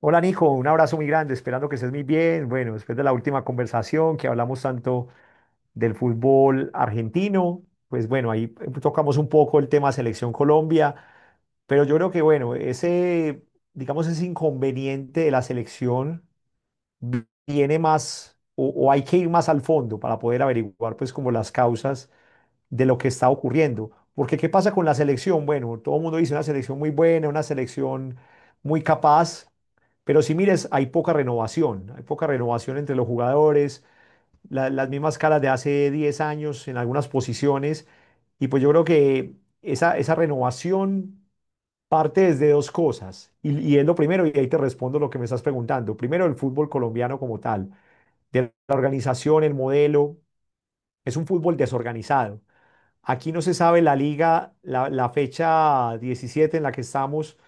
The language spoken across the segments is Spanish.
Hola Nico, un abrazo muy grande, esperando que estés muy bien. Bueno, después de la última conversación que hablamos tanto del fútbol argentino, pues bueno, ahí tocamos un poco el tema Selección Colombia, pero yo creo que bueno, ese, digamos, ese inconveniente de la selección viene más o hay que ir más al fondo para poder averiguar pues como las causas de lo que está ocurriendo. Porque ¿qué pasa con la selección? Bueno, todo el mundo dice una selección muy buena, una selección muy capaz, pero si mires, hay poca renovación entre los jugadores, las mismas caras de hace 10 años en algunas posiciones. Y pues yo creo que esa renovación parte desde dos cosas. Y es lo primero, y ahí te respondo lo que me estás preguntando. Primero, el fútbol colombiano como tal, de la organización, el modelo, es un fútbol desorganizado. Aquí no se sabe la liga, la fecha 17 en la que estamos,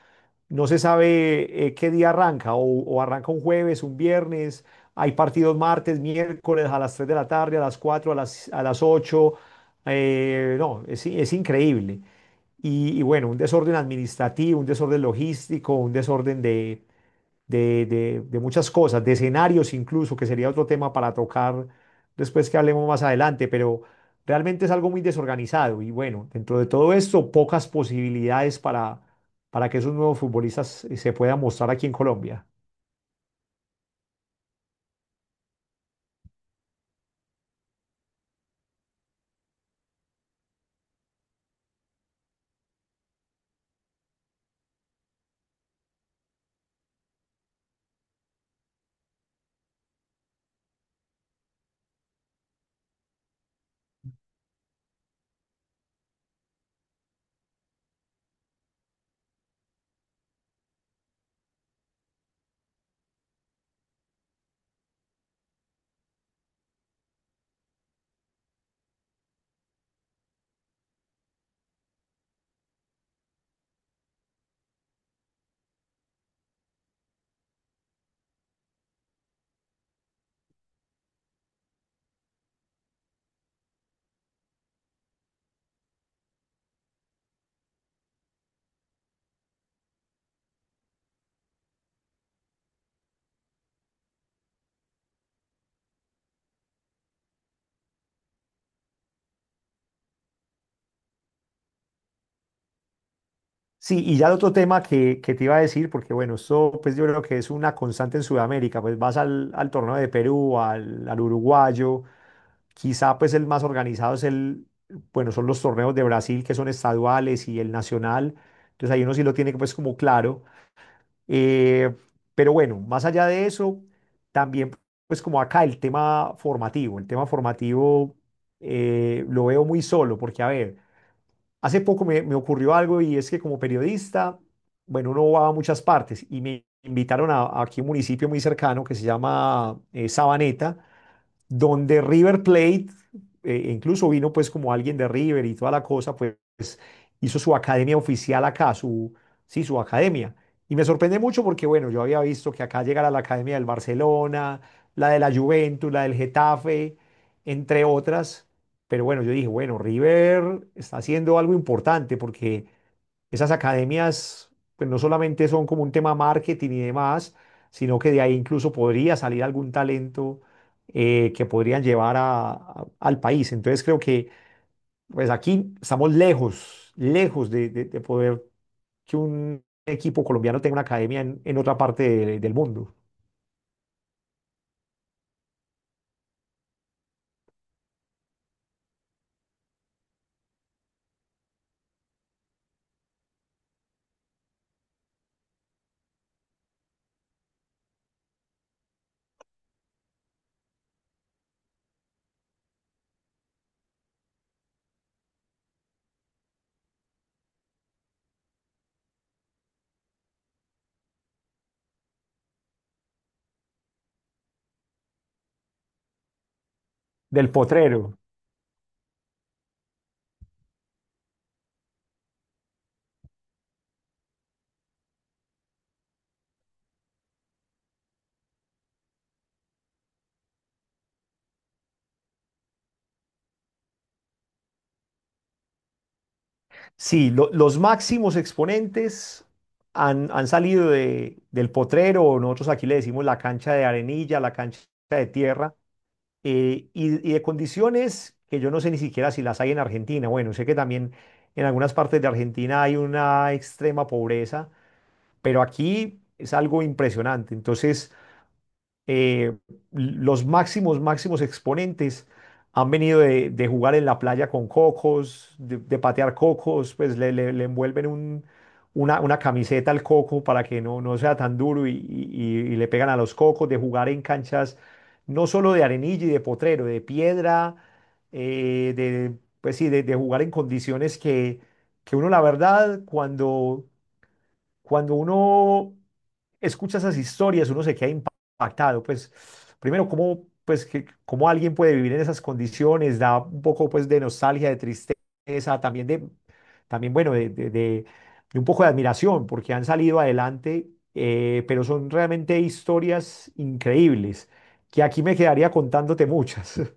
no se sabe qué día arranca, o arranca un jueves, un viernes, hay partidos martes, miércoles, a las 3 de la tarde, a las 4, a las 8, no, es increíble. Y bueno, un desorden administrativo, un desorden logístico, un desorden de muchas cosas, de escenarios incluso, que sería otro tema para tocar después que hablemos más adelante, pero realmente es algo muy desorganizado y bueno, dentro de todo esto, pocas posibilidades para que esos nuevos futbolistas se puedan mostrar aquí en Colombia. Sí, y ya el otro tema que te iba a decir, porque bueno, esto pues yo creo que es una constante en Sudamérica, pues vas al torneo de Perú, al uruguayo. Quizá pues el más organizado bueno, son los torneos de Brasil, que son estaduales y el nacional. Entonces ahí uno sí lo tiene pues como claro. Eh, pero bueno, más allá de eso, también pues como acá el tema formativo, el tema formativo, lo veo muy solo porque a ver, hace poco me ocurrió algo, y es que como periodista, bueno, uno va a muchas partes y me invitaron a aquí un municipio muy cercano que se llama Sabaneta, donde River Plate, incluso vino pues como alguien de River y toda la cosa, pues hizo su academia oficial acá, sí, su academia. Y me sorprende mucho porque, bueno, yo había visto que acá llegara la academia del Barcelona, la de la Juventus, la del Getafe, entre otras. Pero bueno, yo dije, bueno, River está haciendo algo importante porque esas academias pues no solamente son como un tema marketing y demás, sino que de ahí incluso podría salir algún talento que podrían llevar al país. Entonces creo que pues aquí estamos lejos, lejos de poder que un equipo colombiano tenga una academia en otra parte del mundo. Del potrero. Sí, los máximos exponentes han salido del potrero, o nosotros aquí le decimos la cancha de arenilla, la cancha de tierra, y de condiciones que yo no sé ni siquiera si las hay en Argentina. Bueno, sé que también en algunas partes de Argentina hay una extrema pobreza, pero aquí es algo impresionante. Entonces, eh, los máximos, máximos exponentes han venido de jugar en la playa con cocos, de patear cocos. Pues le envuelven una camiseta al coco para que no sea tan duro, y y le pegan a los cocos, de jugar en canchas no solo de arenilla y de potrero, de piedra, pues sí, de jugar en condiciones que uno la verdad cuando uno escucha esas historias, uno se queda impactado. Pues primero, cómo, pues, cómo alguien puede vivir en esas condiciones, da un poco pues de nostalgia, de tristeza, también bueno, de un poco de admiración, porque han salido adelante, pero son realmente historias increíbles, que aquí me quedaría contándote muchas.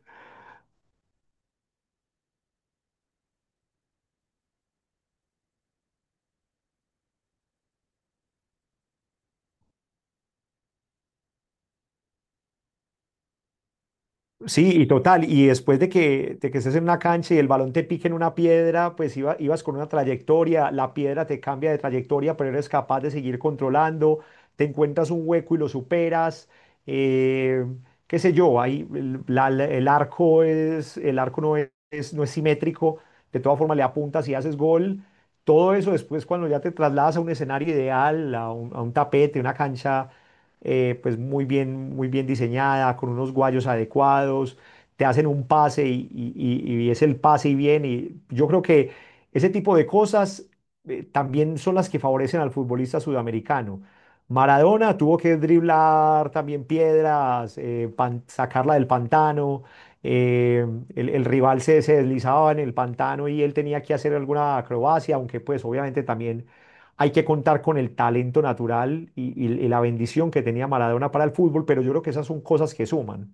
Sí, y total. Y después de que estés en una cancha y el balón te pique en una piedra, pues ibas con una trayectoria, la piedra te cambia de trayectoria, pero eres capaz de seguir controlando, te encuentras un hueco y lo superas. Eh, qué sé yo. Ahí el arco no es simétrico, de todas formas le apuntas y haces gol. Todo eso después cuando ya te trasladas a un escenario ideal, a un tapete, una cancha pues muy bien diseñada, con unos guayos adecuados, te hacen un pase y es el pase y bien. Y yo creo que ese tipo de cosas también son las que favorecen al futbolista sudamericano. Maradona tuvo que driblar también piedras, sacarla del pantano. eh, el rival se deslizaba en el pantano y él tenía que hacer alguna acrobacia, aunque pues obviamente también hay que contar con el talento natural y la bendición que tenía Maradona para el fútbol, pero yo creo que esas son cosas que suman.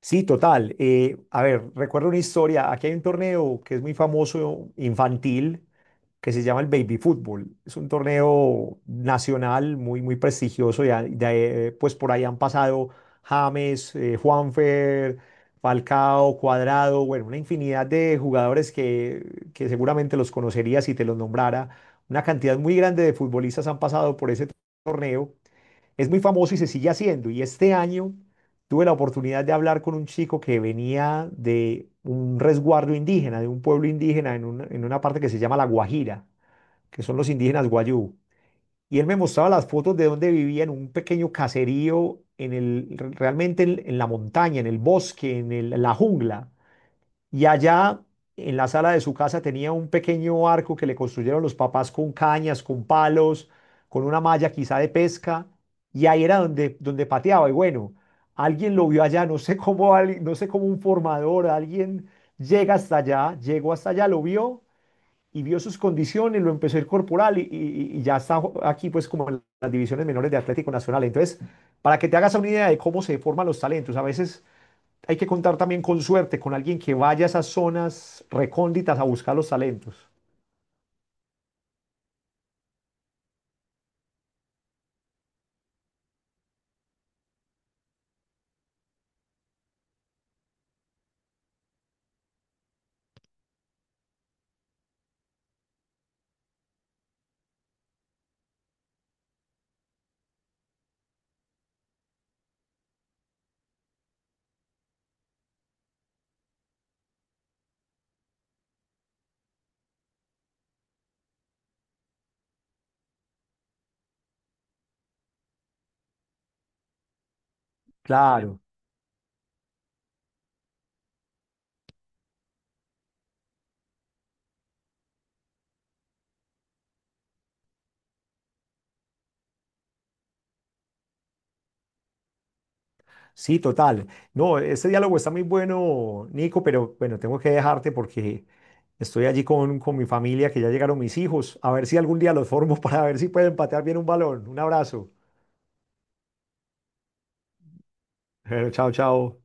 Sí, total. Eh, a ver, recuerdo una historia. Aquí hay un torneo que es muy famoso, infantil, que se llama el Baby Fútbol. Es un torneo nacional muy, muy prestigioso. Y pues por ahí han pasado James, Juanfer, Falcao, Cuadrado, bueno, una infinidad de jugadores que seguramente los conocería si te los nombrara. Una cantidad muy grande de futbolistas han pasado por ese torneo. Es muy famoso y se sigue haciendo. Y este año tuve la oportunidad de hablar con un chico que venía de un resguardo indígena, de un pueblo indígena en una parte que se llama La Guajira, que son los indígenas Guayú. Y él me mostraba las fotos de donde vivía en un pequeño caserío, realmente en la montaña, en el bosque, la jungla. Y allá, en la sala de su casa, tenía un pequeño arco que le construyeron los papás con cañas, con palos, con una malla quizá de pesca. Y ahí era donde pateaba. Y bueno, alguien lo vio allá, no sé cómo, no sé cómo un formador, alguien llegó hasta allá, lo vio y vio sus condiciones, lo empezó a incorporar y ya está aquí pues como en las divisiones menores de Atlético Nacional. Entonces, para que te hagas una idea de cómo se forman los talentos, a veces hay que contar también con suerte, con alguien que vaya a esas zonas recónditas a buscar los talentos. Claro, sí, total. No, este diálogo está muy bueno, Nico, pero bueno, tengo que dejarte porque estoy allí con mi familia, que ya llegaron mis hijos. A ver si algún día los formo para ver si pueden patear bien un balón. Un abrazo. Bueno, chao, chao.